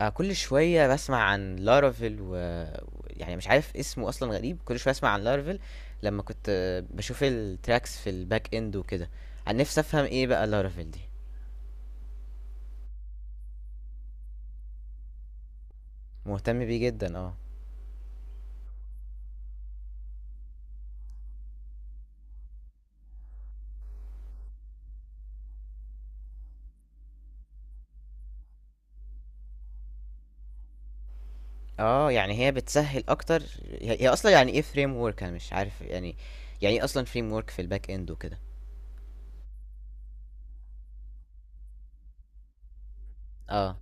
كل شوية باسمع عن Laravel ويعني مش عارف اسمه أصلًا غريب، كل شوية أسمع عن Laravel لمّا كنت باشوف الtracks في الback end وكده. أنا نفسي أفهم إيه بقى Laravel دي، مهتم بيه جدًا يعني هي بتسهّل أكتر. هي أصلًا يعني إيه framework؟ أنا مش عارف يعني، يعني إيه أصلًا framework في الback end وكده؟ آه،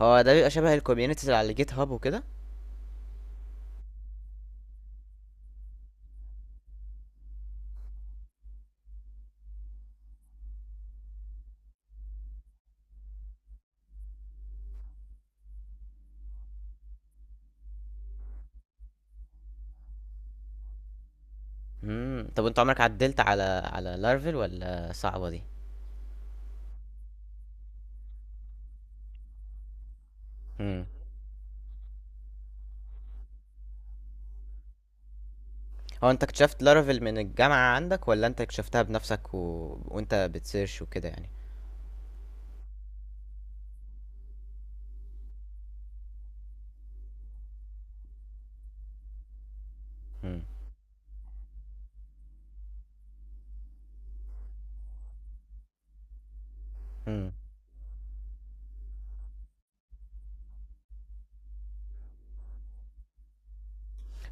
هو ده بيبقى شبه الcommunities اللي على GitHub وكده؟ طب وأنت عمرك عدّلت على Laravel والّا صعبة دي؟ إمم. هو انت اكتشفت لارافيل من الجامعة عندك ولا انت اكتشفتها بنفسك وانت بتسيرش وكده يعني. مم. مم.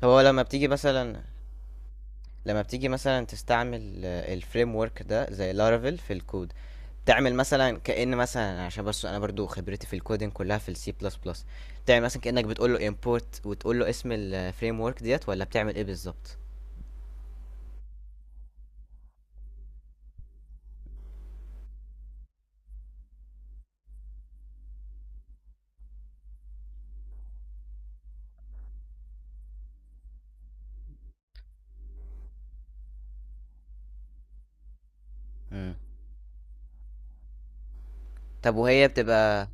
هو لما بتيجي مثلا لما بتيجي مثلا تستعمل الفريم ورك ده زي لارافيل في الكود، تعمل مثلا كأن مثلا، عشان بس انا برضو خبرتي في الكودين كلها في السي بلس بلس، تعمل مثلا كأنك بتقول له import وتقول له اسم الفريم ورك ديت ولا بتعمل ايه بالظبط؟ مم. طب وهي بتبقى.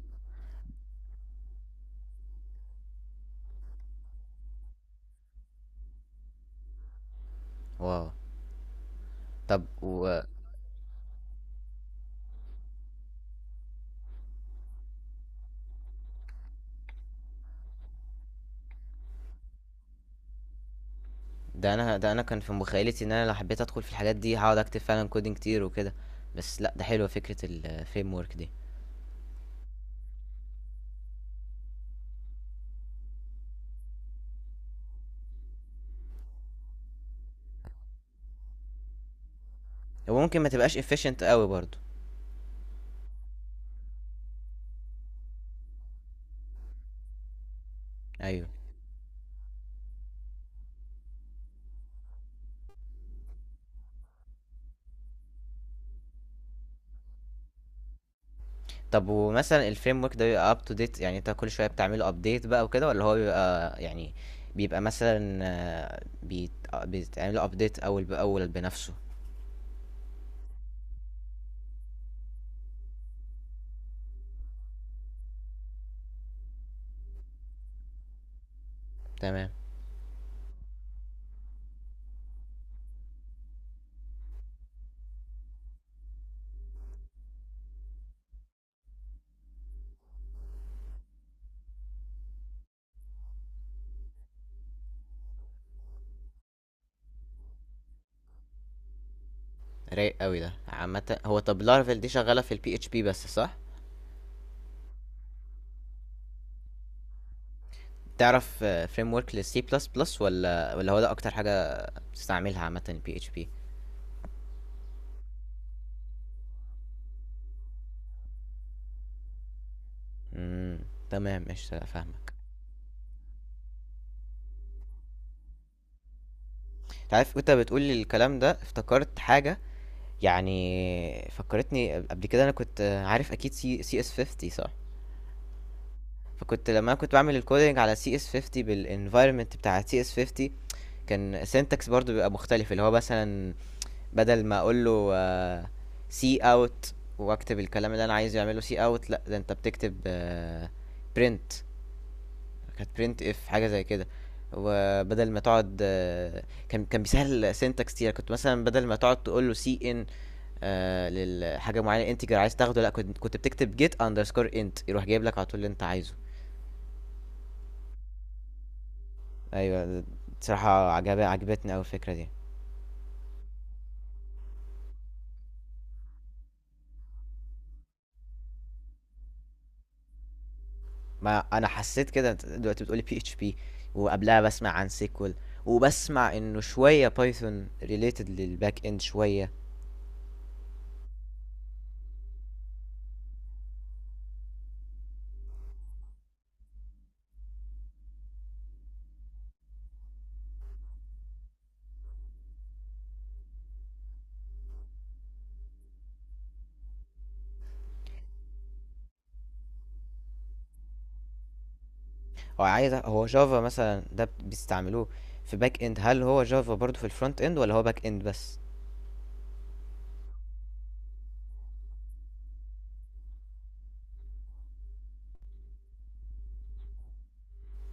واو. طب و... ده انا كان في مخيلتي ان انا لو حبيت ادخل في الحاجات دي هقعد اكتب فعلا كودينج كتير وكده، بس لا ده حلوه فكره الفريم ورك دي. هو ممكن ما تبقاش efficient قوي برضو. ايوه. طب ومثلا الفريم ورك ده بيبقى up to date، يعني انت كل شويه بتعمله update بقى وكده، ولا هو بيبقى يعني بيبقى مثلا بيتعمل update اول باول بنفسه؟ تمام. رايق قوي ده عامه. هو طب لارفل دي شغاله في البي اتش بي بس صح؟ تعرف فريم ورك للسي بلس بلس ولا هو ده اكتر حاجه بتستعملها عامه البي اتش بي؟ امم. تمام قشطة، لأ، فاهمك. انت عارف وانت بتقول لي الكلام ده افتكرت حاجة، يعني فكرتني قبل كده انا كنت عارف اكيد سي اس 50 صح؟ فكنت لما انا كنت بعمل الكودينج على سي اس 50 بالانفايرمنت بتاع سي اس 50، كان syntax برضو بيبقى مختلف، اللي هو مثلا بدل ما اقول له سي اوت واكتب الكلام اللي انا عايز يعمله سي اوت، لا ده انت بتكتب برنت، كانت برنت اف حاجه زي كده. وبدل ما تقعد كان بيسهل السنتكس كتير، كنت مثلا بدل ما تقعد تقول له سي ان للحاجه معينه انتجر عايز تاخده، لا كنت بتكتب جيت اندرسكور انت، يروح جايب لك على طول اللي انت عايزه. ايوه. بصراحه عجبتني قوي الفكره دي. ما انا حسيت كده، أنت دلوقتي بتقولي بي اتش بي، وقبلها بسمع عن سيكوال، وبسمع انه شويه بايثون ريليتد للباك اند شويه. هو جافا مثلا ده بيستعملوه في باك اند؟ هل هو جافا برضو في الفرونت اند، ولا هو باك اند بس؟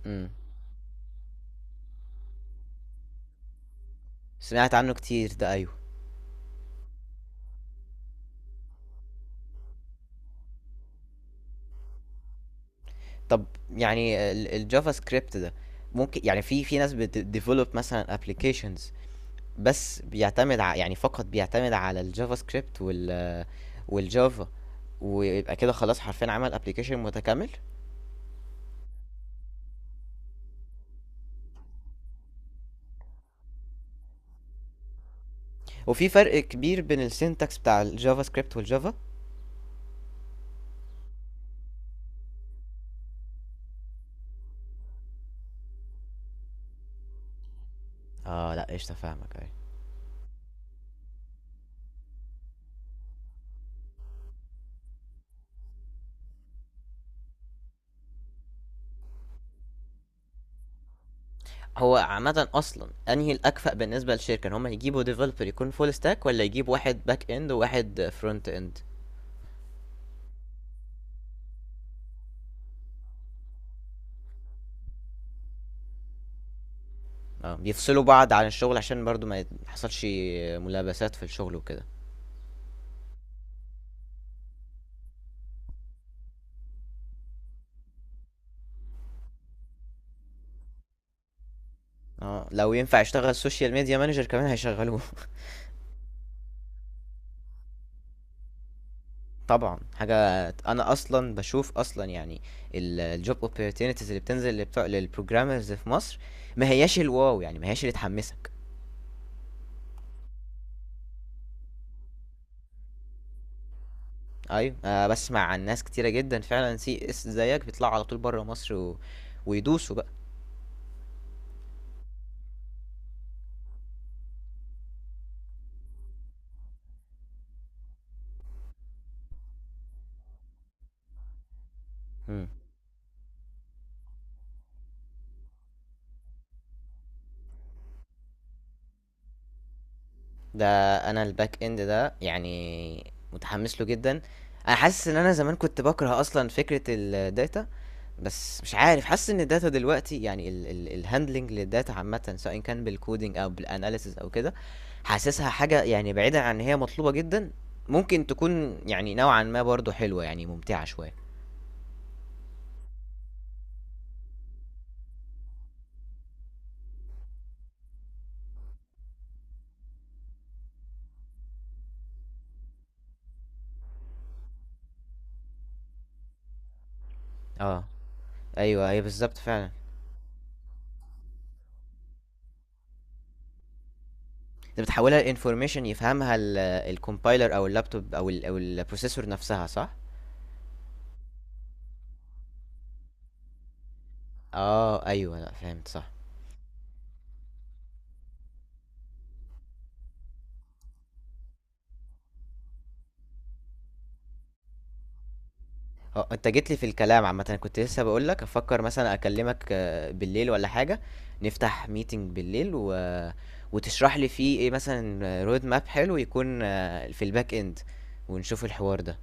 امم. سمعت عنه كتير ده، ايوه. طب يعني الجافا سكريبت ده ممكن يعني، في في ناس بتديفلوب مثلا ابلكيشنز، بس يعني فقط بيعتمد على الجافا سكريبت والجافا، ويبقى كده خلاص حرفيا عمل ابلكيشن متكامل؟ وفي فرق كبير بين السينتاكس بتاع الجافا سكريبت والجافا؟ اه لا قشطه فاهمك. هو عامة أصلا أنهي الأكفأ بالنسبة للشركة، إن هم يجيبوا ديفلوبر يكون فول ستاك، ولا يجيبوا واحد باك إند وواحد فرونت إند؟ اه بيفصلوا بعض عن الشغل عشان برضو ما يحصلش ملابسات في الشغل وكده. اه لو ينفع يشتغل سوشيال ميديا مانجر كمان هيشغلوه. طبعا حاجة، أنا أصلا بشوف أصلا يعني الجوب opportunities اللي بتنزل لبتوع للبروجرامرز في مصر ما هياش الواو، يعني ما هياش اللي تحمسك. ايوه بسمع عن ناس كتيرة جدا فعلا سي اس زيك بيطلعوا على طول بره مصر ويدوسوا بقى. مم. ده انا الباك اند ده يعني متحمس له جدا. انا حاسس ان انا زمان كنت بكره اصلا فكرة الداتا، بس مش عارف، حاسس ان الداتا دلوقتي يعني الهاندلنج للداتا عامة سواء كان بالكودينج او بالاناليسز او كده، حاسسها حاجة يعني بعيدا عن ان هي مطلوبة جدا، ممكن تكون يعني نوعا ما برضو حلوة، يعني ممتعة شوية. اه ايوه هي بالظبط فعلا. انت بتحولها لانفورميشن يفهمها الكومبايلر او اللابتوب او البروسيسور نفسها صح؟ اه ايوه لا فهمت صح. اه انت جيت لي في الكلام عامه، انا كنت لسه بقول لك افكر مثلا اكلمك بالليل ولا حاجه، نفتح ميتنج بالليل وتشرح لي فيه ايه مثلا رود ماب حلو يكون في الباك اند، ونشوف الحوار ده.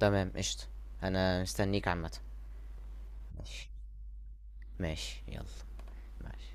تمام قشطه. انا مستنيك عامه. ماشي. ماشي يلا. ماشي.